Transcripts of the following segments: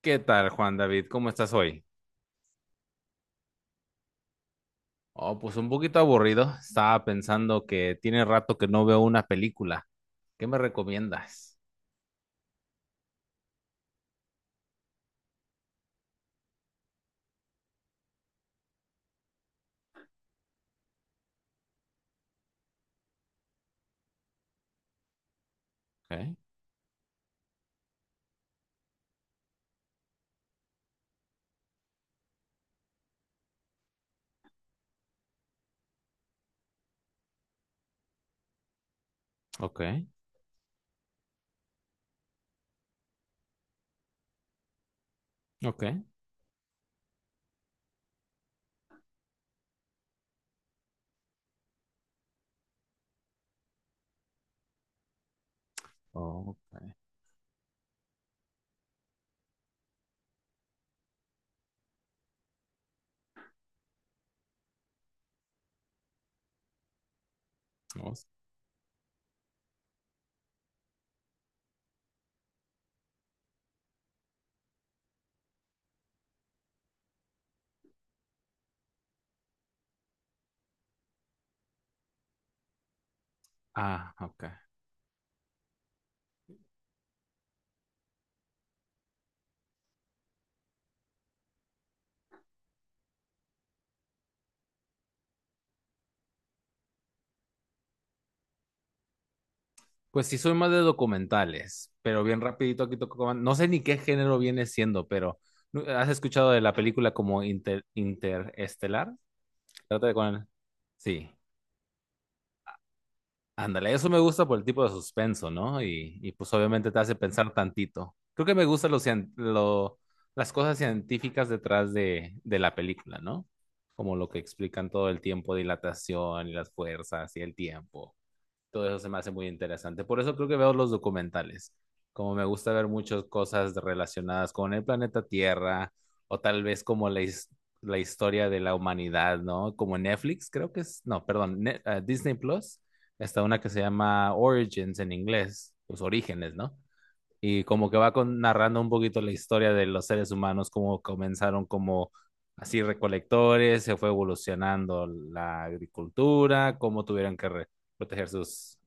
¿Qué tal, Juan David? ¿Cómo estás hoy? Oh, pues un poquito aburrido. Estaba pensando que tiene rato que no veo una película. ¿Qué me recomiendas? Okay, okay, okay, oh, oh, ah, ok. Pues sí, soy más de documentales, pero bien rapidito aquí toco. No sé ni qué género viene siendo, pero ¿has escuchado de la película como Interestelar? Trata de con... Sí. Ándale, eso me gusta por el tipo de suspenso, ¿no? Y pues obviamente te hace pensar tantito. Creo que me gustan los las cosas científicas detrás de la película, ¿no? Como lo que explican todo el tiempo, dilatación y las fuerzas y el tiempo, todo eso se me hace muy interesante. Por eso creo que veo los documentales. Como me gusta ver muchas cosas relacionadas con el planeta Tierra, o tal vez como la historia de la humanidad, ¿no? Como Netflix, creo que es, no, perdón, Disney Plus, está una que se llama Origins en inglés, pues orígenes, ¿no? Y como que narrando un poquito la historia de los seres humanos, cómo comenzaron como así recolectores, se fue evolucionando la agricultura, cómo tuvieron que proteger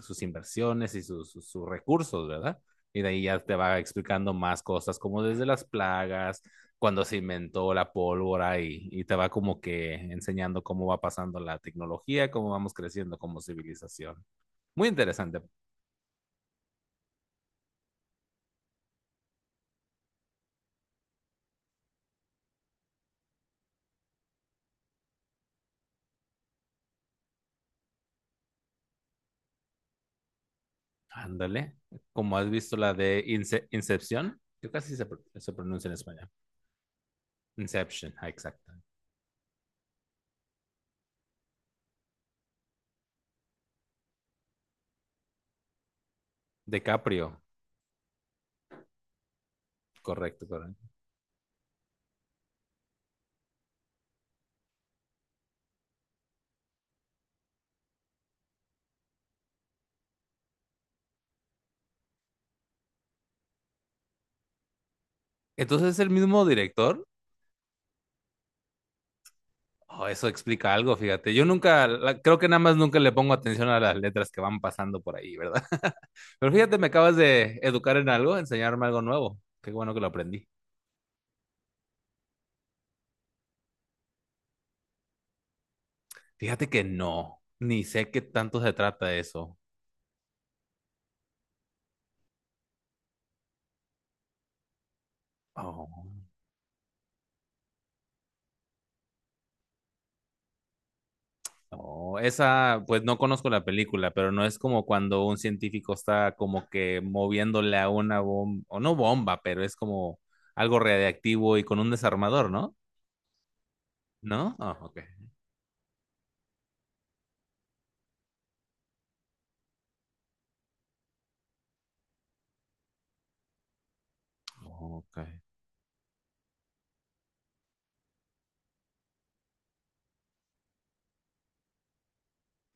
sus inversiones y sus recursos, ¿verdad? Y de ahí ya te va explicando más cosas, como desde las plagas, cuando se inventó la pólvora y te va como que enseñando cómo va pasando la tecnología, cómo vamos creciendo como civilización. Muy interesante. Ándale. Como has visto la de Incepción, yo casi se, se pronuncia en español. Inception, ah, exacto. DiCaprio, correcto, correcto. Entonces es el mismo director. Oh, eso explica algo, fíjate. Yo nunca, creo que nada más nunca le pongo atención a las letras que van pasando por ahí, ¿verdad? Pero fíjate, me acabas de educar en algo, enseñarme algo nuevo. Qué bueno que lo aprendí. Fíjate que no, ni sé qué tanto se trata eso. Oh. Oh, esa, pues no conozco la película, pero no es como cuando un científico está como que moviéndole a una bomba, o no bomba, pero es como algo radiactivo y con un desarmador, ¿no? ¿No? Ah, ok. Ok.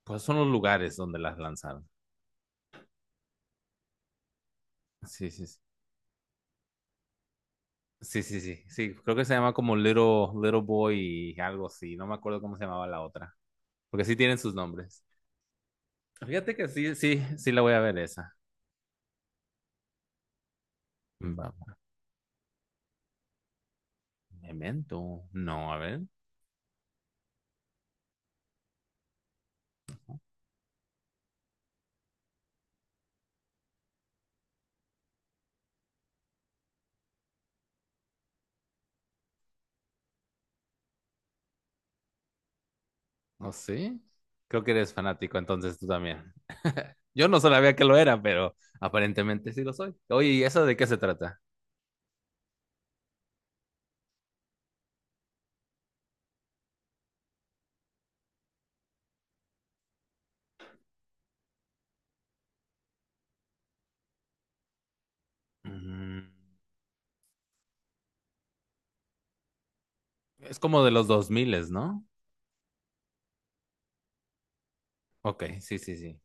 Pues son los lugares donde las lanzaron. Sí, sí, sí. Sí, sí, sí, sí. Creo que se llama como Little, Little Boy y algo así. No me acuerdo cómo se llamaba la otra. Porque sí tienen sus nombres. Fíjate que sí, sí, sí la voy a ver esa. Va- Memento. No, a ver. No sé. Creo que eres fanático, entonces tú también. Yo no sabía que lo era, pero aparentemente sí lo soy. Oye, ¿y eso de qué se trata? Mm, ¿es como de los 2000, ¿no? Ok, sí, sí, sí.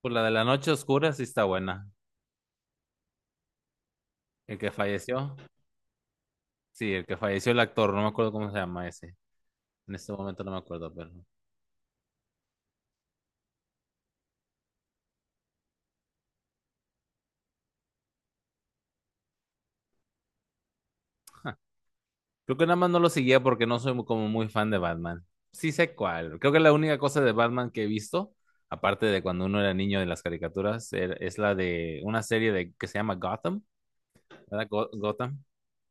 Pues la de la noche oscura sí está buena. El que falleció, sí, el que falleció el actor, no me acuerdo cómo se llama ese. En este momento no me acuerdo, pero creo que nada más no lo seguía porque no soy como muy fan de Batman. Sí sé cuál. Creo que la única cosa de Batman que he visto, aparte de cuando uno era niño de las caricaturas, es la de una serie de, que se llama Gotham, ¿verdad? Gotham.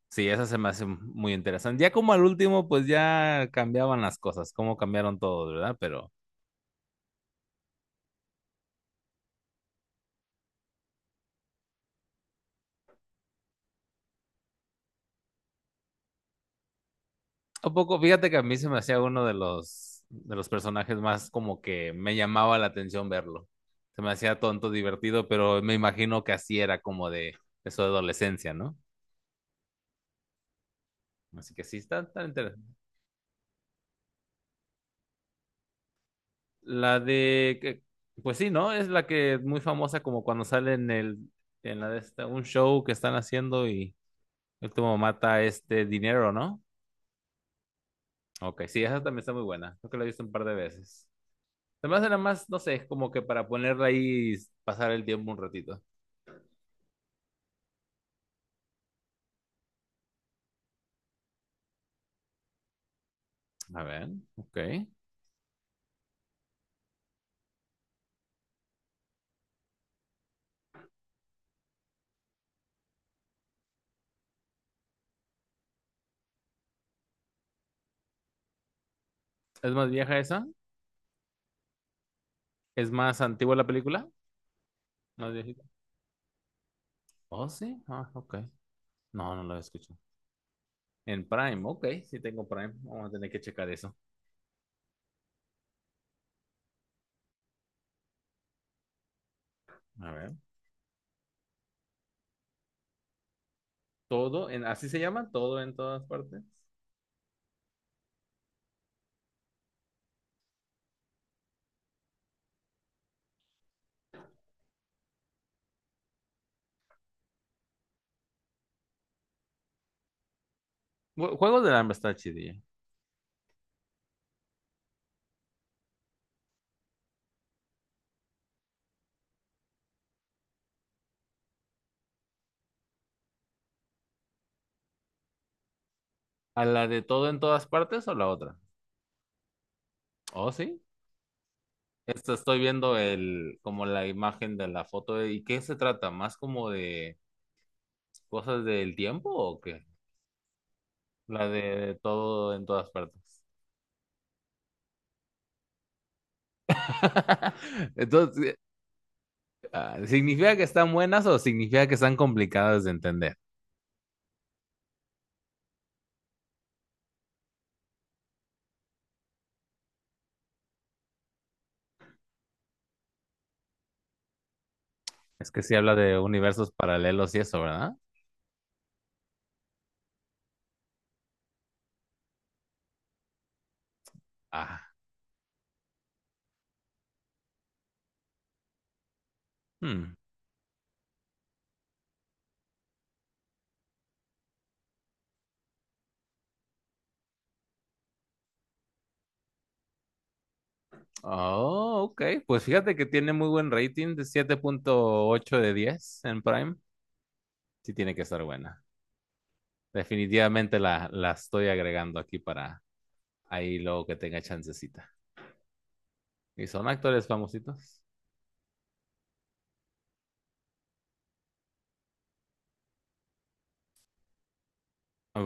Sí, esa se me hace muy interesante. Ya como al último, pues ya cambiaban las cosas, cómo cambiaron todo, ¿verdad? Pero un poco, fíjate que a mí se me hacía uno de los personajes más como que me llamaba la atención verlo. Se me hacía tonto, divertido, pero me imagino que así era como de eso de adolescencia, ¿no? Así que sí, está tan interesante. La de, que- pues sí, ¿no? Es la que es muy famosa como cuando sale en el, en la de esta, un show que están haciendo y él como mata este dinero, ¿no? Ok, sí, esa también está muy buena. Creo que la he visto un par de veces. Además, era más, no sé, como que para ponerla ahí y pasar el tiempo un ratito. A ver, ok. ¿Es más vieja esa? ¿Es más antigua la película? ¿Más viejita? Oh, sí. Ah, ok. No, no la escuchado. En Prime, ok. Sí tengo Prime. Vamos a tener que checar eso. A ver. Todo, en, así se llama, todo en todas partes. Juegos del Hambre está chidilla. ¿A la de todo en todas partes o la otra? Oh, sí. Esta estoy viendo el, como la imagen de la foto. ¿De y qué se trata? ¿Más como de cosas del tiempo o qué? La de todo en todas partes. Entonces, ah, ¿significa que están buenas o significa que están complicadas de entender? Es que si habla de universos paralelos y eso, ¿verdad? Ah, hmm. Oh, ok. Pues fíjate que tiene muy buen rating de 7.8 de 10 en Prime. Sí tiene que estar buena. Definitivamente la, la estoy agregando aquí para ahí luego que tenga chancecita. Y son actores famositos.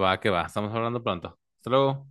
Va, que va. Estamos hablando pronto. Hasta luego.